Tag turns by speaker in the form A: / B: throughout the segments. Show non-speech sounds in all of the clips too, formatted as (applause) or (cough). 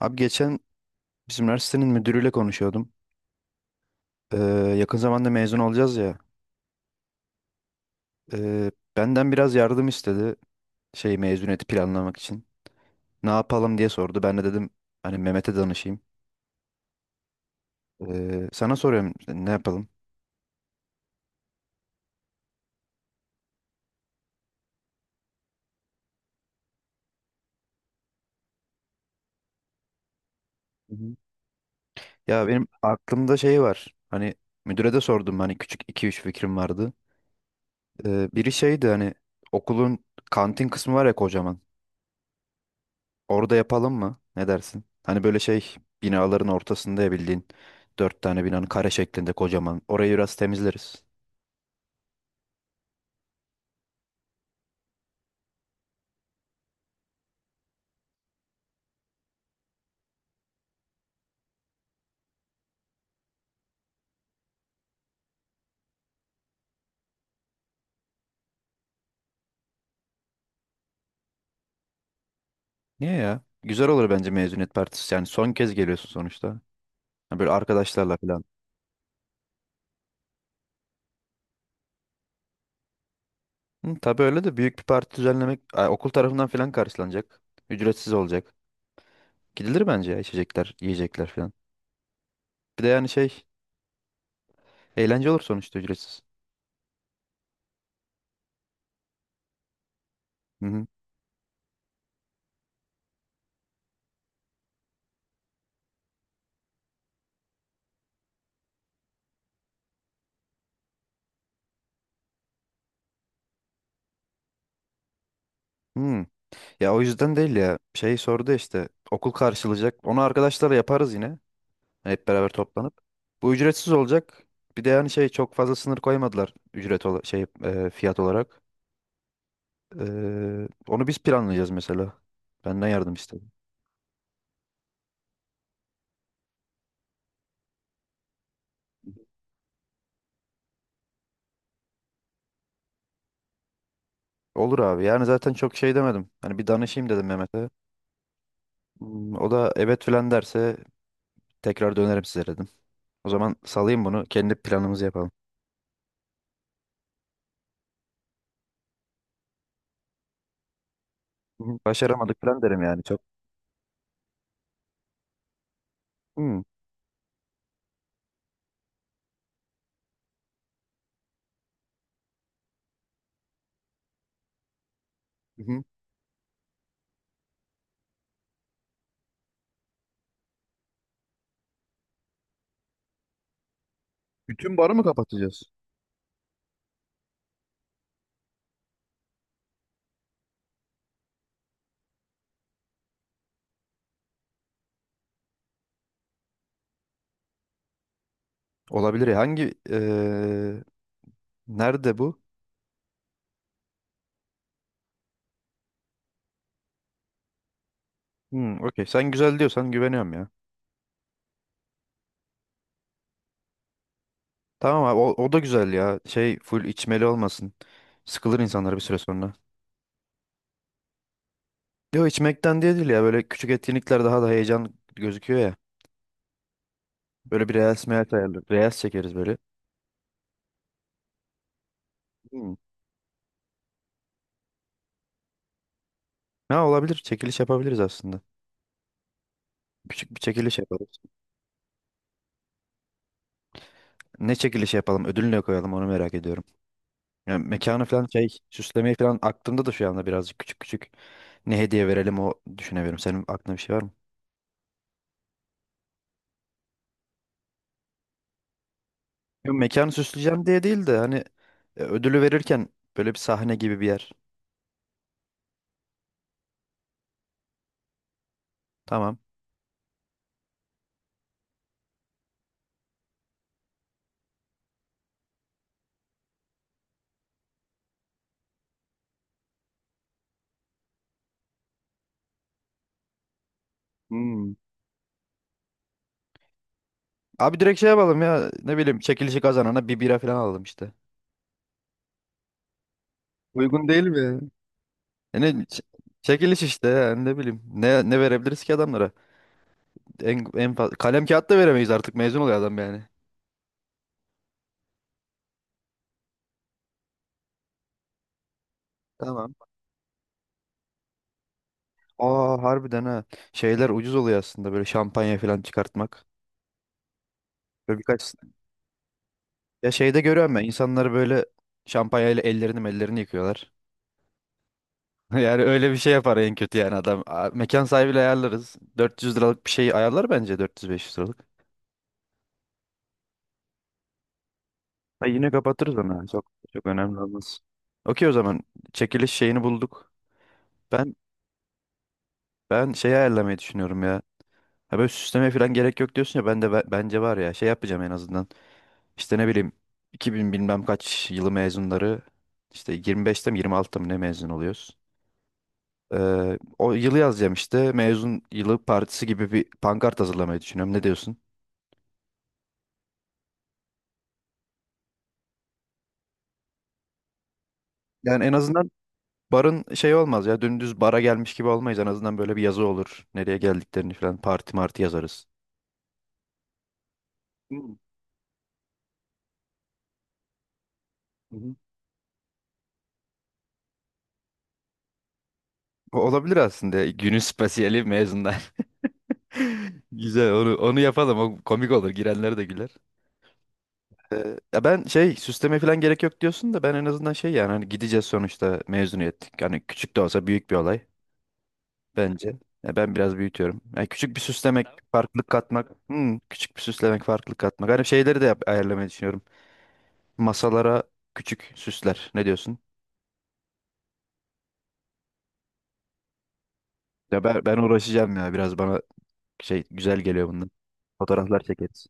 A: Abi geçen bizim üniversitenin müdürüyle konuşuyordum. Ee, yakın zamanda mezun olacağız ya. Benden biraz yardım istedi şey mezuniyeti planlamak için. Ne yapalım diye sordu. Ben de dedim hani Mehmet'e danışayım. Sana soruyorum ne yapalım? Hı hı. Ya benim aklımda şey var. Hani müdüre de sordum hani küçük iki üç fikrim vardı. Biri şeydi hani okulun kantin kısmı var ya kocaman. Orada yapalım mı? Ne dersin? Hani böyle şey binaların ortasında ya bildiğin dört tane binanın kare şeklinde kocaman. Orayı biraz temizleriz. Niye ya? Güzel olur bence mezuniyet partisi. Yani son kez geliyorsun sonuçta. Ha, böyle arkadaşlarla falan. Hı, tabii öyle de büyük bir parti düzenlemek ay, okul tarafından falan karşılanacak. Ücretsiz olacak. Gidilir bence ya içecekler, yiyecekler falan. Bir de yani şey eğlence olur sonuçta ücretsiz. Hı hı. Hı. Ya o yüzden değil ya. Şey sordu ya işte okul karşılayacak. Onu arkadaşlarla yaparız yine. Hep beraber toplanıp. Bu ücretsiz olacak. Bir de yani şey çok fazla sınır koymadılar ücret ola şey fiyat olarak. Onu biz planlayacağız mesela. Benden yardım istedim. Olur abi. Yani zaten çok şey demedim. Hani bir danışayım dedim Mehmet'e. O da evet filan derse tekrar dönerim size dedim. O zaman salayım bunu. Kendi planımızı yapalım. Hı hı. Başaramadık filan derim yani çok. Hmm. Hı hı. Bütün barı mı kapatacağız? Olabilir ya. Hangi nerede bu? Hmm, okey. Sen güzel diyorsan güveniyorum ya. Tamam abi o da güzel ya. Şey full içmeli olmasın. Sıkılır insanlar bir süre sonra. Yok içmekten değil ya böyle küçük etkinlikler daha da heyecan gözüküyor ya. Böyle bir reels meyels ayarlı. Reels çekeriz böyle. Hmm. Ha olabilir çekiliş yapabiliriz aslında. Küçük bir çekiliş yaparız. Ne çekiliş yapalım ödül ne koyalım onu merak ediyorum. Yani mekanı falan şey süslemeyi falan aklımda da şu anda birazcık küçük küçük. Ne hediye verelim o düşünemiyorum. Senin aklında bir şey var mı? Yok mekanı süsleyeceğim diye değil de hani ödülü verirken böyle bir sahne gibi bir yer. Tamam. Hmm. Abi direkt şey yapalım ya. Ne bileyim çekilişi kazanana bir bira falan alalım işte. Uygun değil mi? Yani çekiliş işte yani ne bileyim. Ne verebiliriz ki adamlara? En kalem kağıt da veremeyiz artık mezun oluyor adam yani. Tamam. Aa harbiden ha. Şeyler ucuz oluyor aslında böyle şampanya falan çıkartmak. Böyle birkaç ya şeyde görüyorum ben insanları böyle şampanyayla ellerini yıkıyorlar. (laughs) Yani öyle bir şey yapar en kötü yani adam. Aa, mekan sahibiyle ayarlarız. 400 liralık bir şey ayarlar bence 400-500 liralık. Ha, yine kapatırız onu. Çok çok önemli olmaz. Okey o zaman çekiliş şeyini bulduk. Ben ben şeyi ayarlamayı düşünüyorum ya. Ha böyle süslemeye falan gerek yok diyorsun ya ben de bence var ya şey yapacağım en azından. İşte ne bileyim 2000 bilmem kaç yılı mezunları işte 25'te mi 26'ta mı ne mezun oluyoruz? O yılı yazacağım işte mezun yılı partisi gibi bir pankart hazırlamayı düşünüyorum. Ne diyorsun? Yani en azından barın şey olmaz ya dümdüz bara gelmiş gibi olmayız. En azından böyle bir yazı olur. Nereye geldiklerini falan parti marti yazarız. Hmm, hı hı. O olabilir aslında. Günün spesiyeli mezunlar. (laughs) Güzel onu yapalım. O komik olur. Girenler de güler. Ya ben şey süsleme falan gerek yok diyorsun da ben en azından şey yani hani gideceğiz sonuçta mezuniyet. Yani küçük de olsa büyük bir olay bence. Ya ben biraz büyütüyorum. Yani küçük bir süslemek, farklılık katmak. Küçük bir süslemek, farklılık katmak. Hani şeyleri de ayarlamayı düşünüyorum. Masalara küçük süsler. Ne diyorsun? Ya ben uğraşacağım ya biraz bana şey güzel geliyor bundan. Fotoğraflar çekeriz.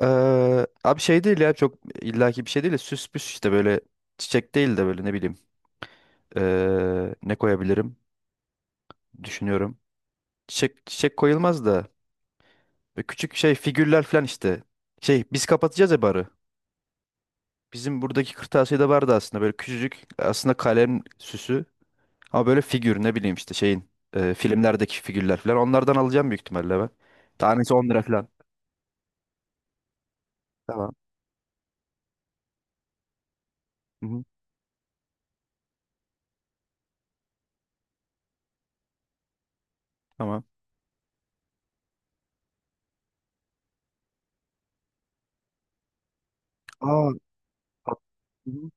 A: Abi şey değil ya çok illaki bir şey değil de süs püs işte böyle çiçek değil de böyle ne bileyim ne koyabilirim düşünüyorum. Çiçek çiçek koyulmaz da böyle küçük şey figürler falan işte. Şey biz kapatacağız ya barı. Bizim buradaki kırtasiyede vardı aslında böyle küçücük aslında kalem süsü ama böyle figür ne bileyim işte şeyin filmlerdeki figürler falan onlardan alacağım büyük ihtimalle ben. Tanesi 10 lira falan. Tamam. Hı hı. Tamam. Aa, at- Hı hı.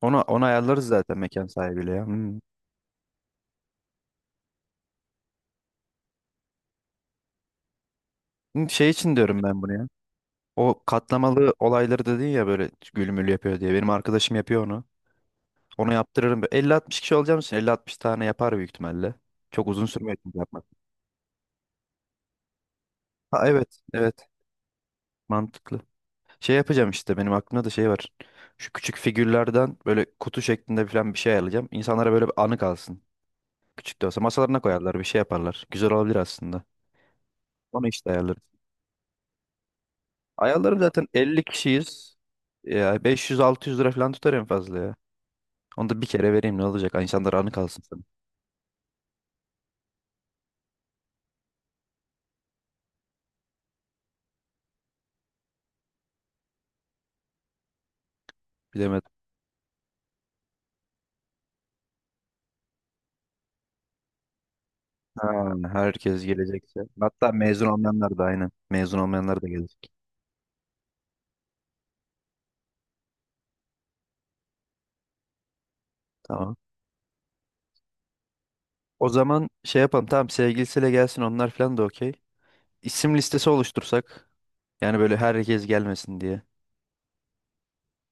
A: Onu ayarlarız zaten mekan sahibiyle ya. Hı. Hı, şey için diyorum ben bunu ya. O katlamalı olayları dedin ya böyle gülmül yapıyor diye. Benim arkadaşım yapıyor onu. Onu yaptırırım. 50-60 kişi olacağım için 50-60 tane yapar büyük ihtimalle. Çok uzun sürmüyor çünkü yapmak. Ha evet, evet. Mantıklı. Şey yapacağım işte benim aklımda da şey var. Şu küçük figürlerden böyle kutu şeklinde falan bir şey alacağım. İnsanlara böyle bir anı kalsın. Küçük de olsa masalarına koyarlar, bir şey yaparlar. Güzel olabilir aslında. Onu işte ayarlarız. Ayarlarım zaten 50 kişiyiz. Ya 500-600 lira falan tutar en fazla ya. Onu da bir kere vereyim ne olacak? İnsanlar anı kalsın sana. Bilemedim. Ha, herkes gelecekse. Hatta mezun olmayanlar da aynı. Mezun olmayanlar da gelecek. Tamam. O zaman şey yapalım. Tamam sevgilisiyle gelsin onlar falan da okey. İsim listesi oluştursak. Yani böyle herkes gelmesin diye.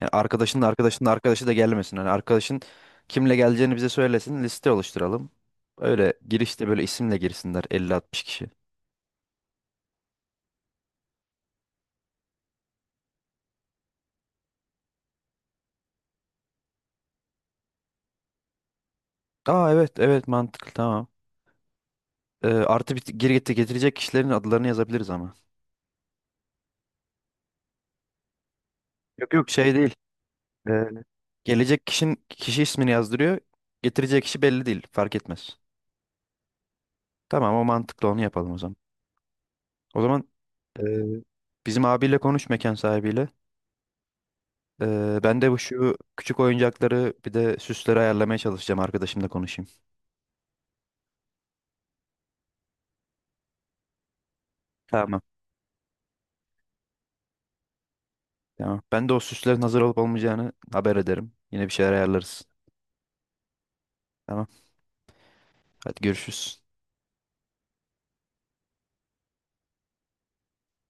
A: Yani arkadaşın da arkadaşın da arkadaşı da gelmesin. Yani arkadaşın kimle geleceğini bize söylesin. Liste oluşturalım. Öyle girişte böyle isimle girsinler Elli 60 kişi. Aa evet evet mantıklı tamam. Artı bir getirecek kişilerin adlarını yazabiliriz ama. Yok yok şey değil. Ee, gelecek kişinin kişi ismini yazdırıyor. Getirecek kişi belli değil. Fark etmez. Tamam o mantıklı onu yapalım o zaman. O zaman e, bizim abiyle konuş mekan sahibiyle. Ben de bu şu küçük oyuncakları bir de süsleri ayarlamaya çalışacağım. Arkadaşımla konuşayım. Tamam. Tamam. Ben de o süslerin hazır olup olmayacağını haber ederim. Yine bir şeyler ayarlarız. Tamam. Hadi görüşürüz.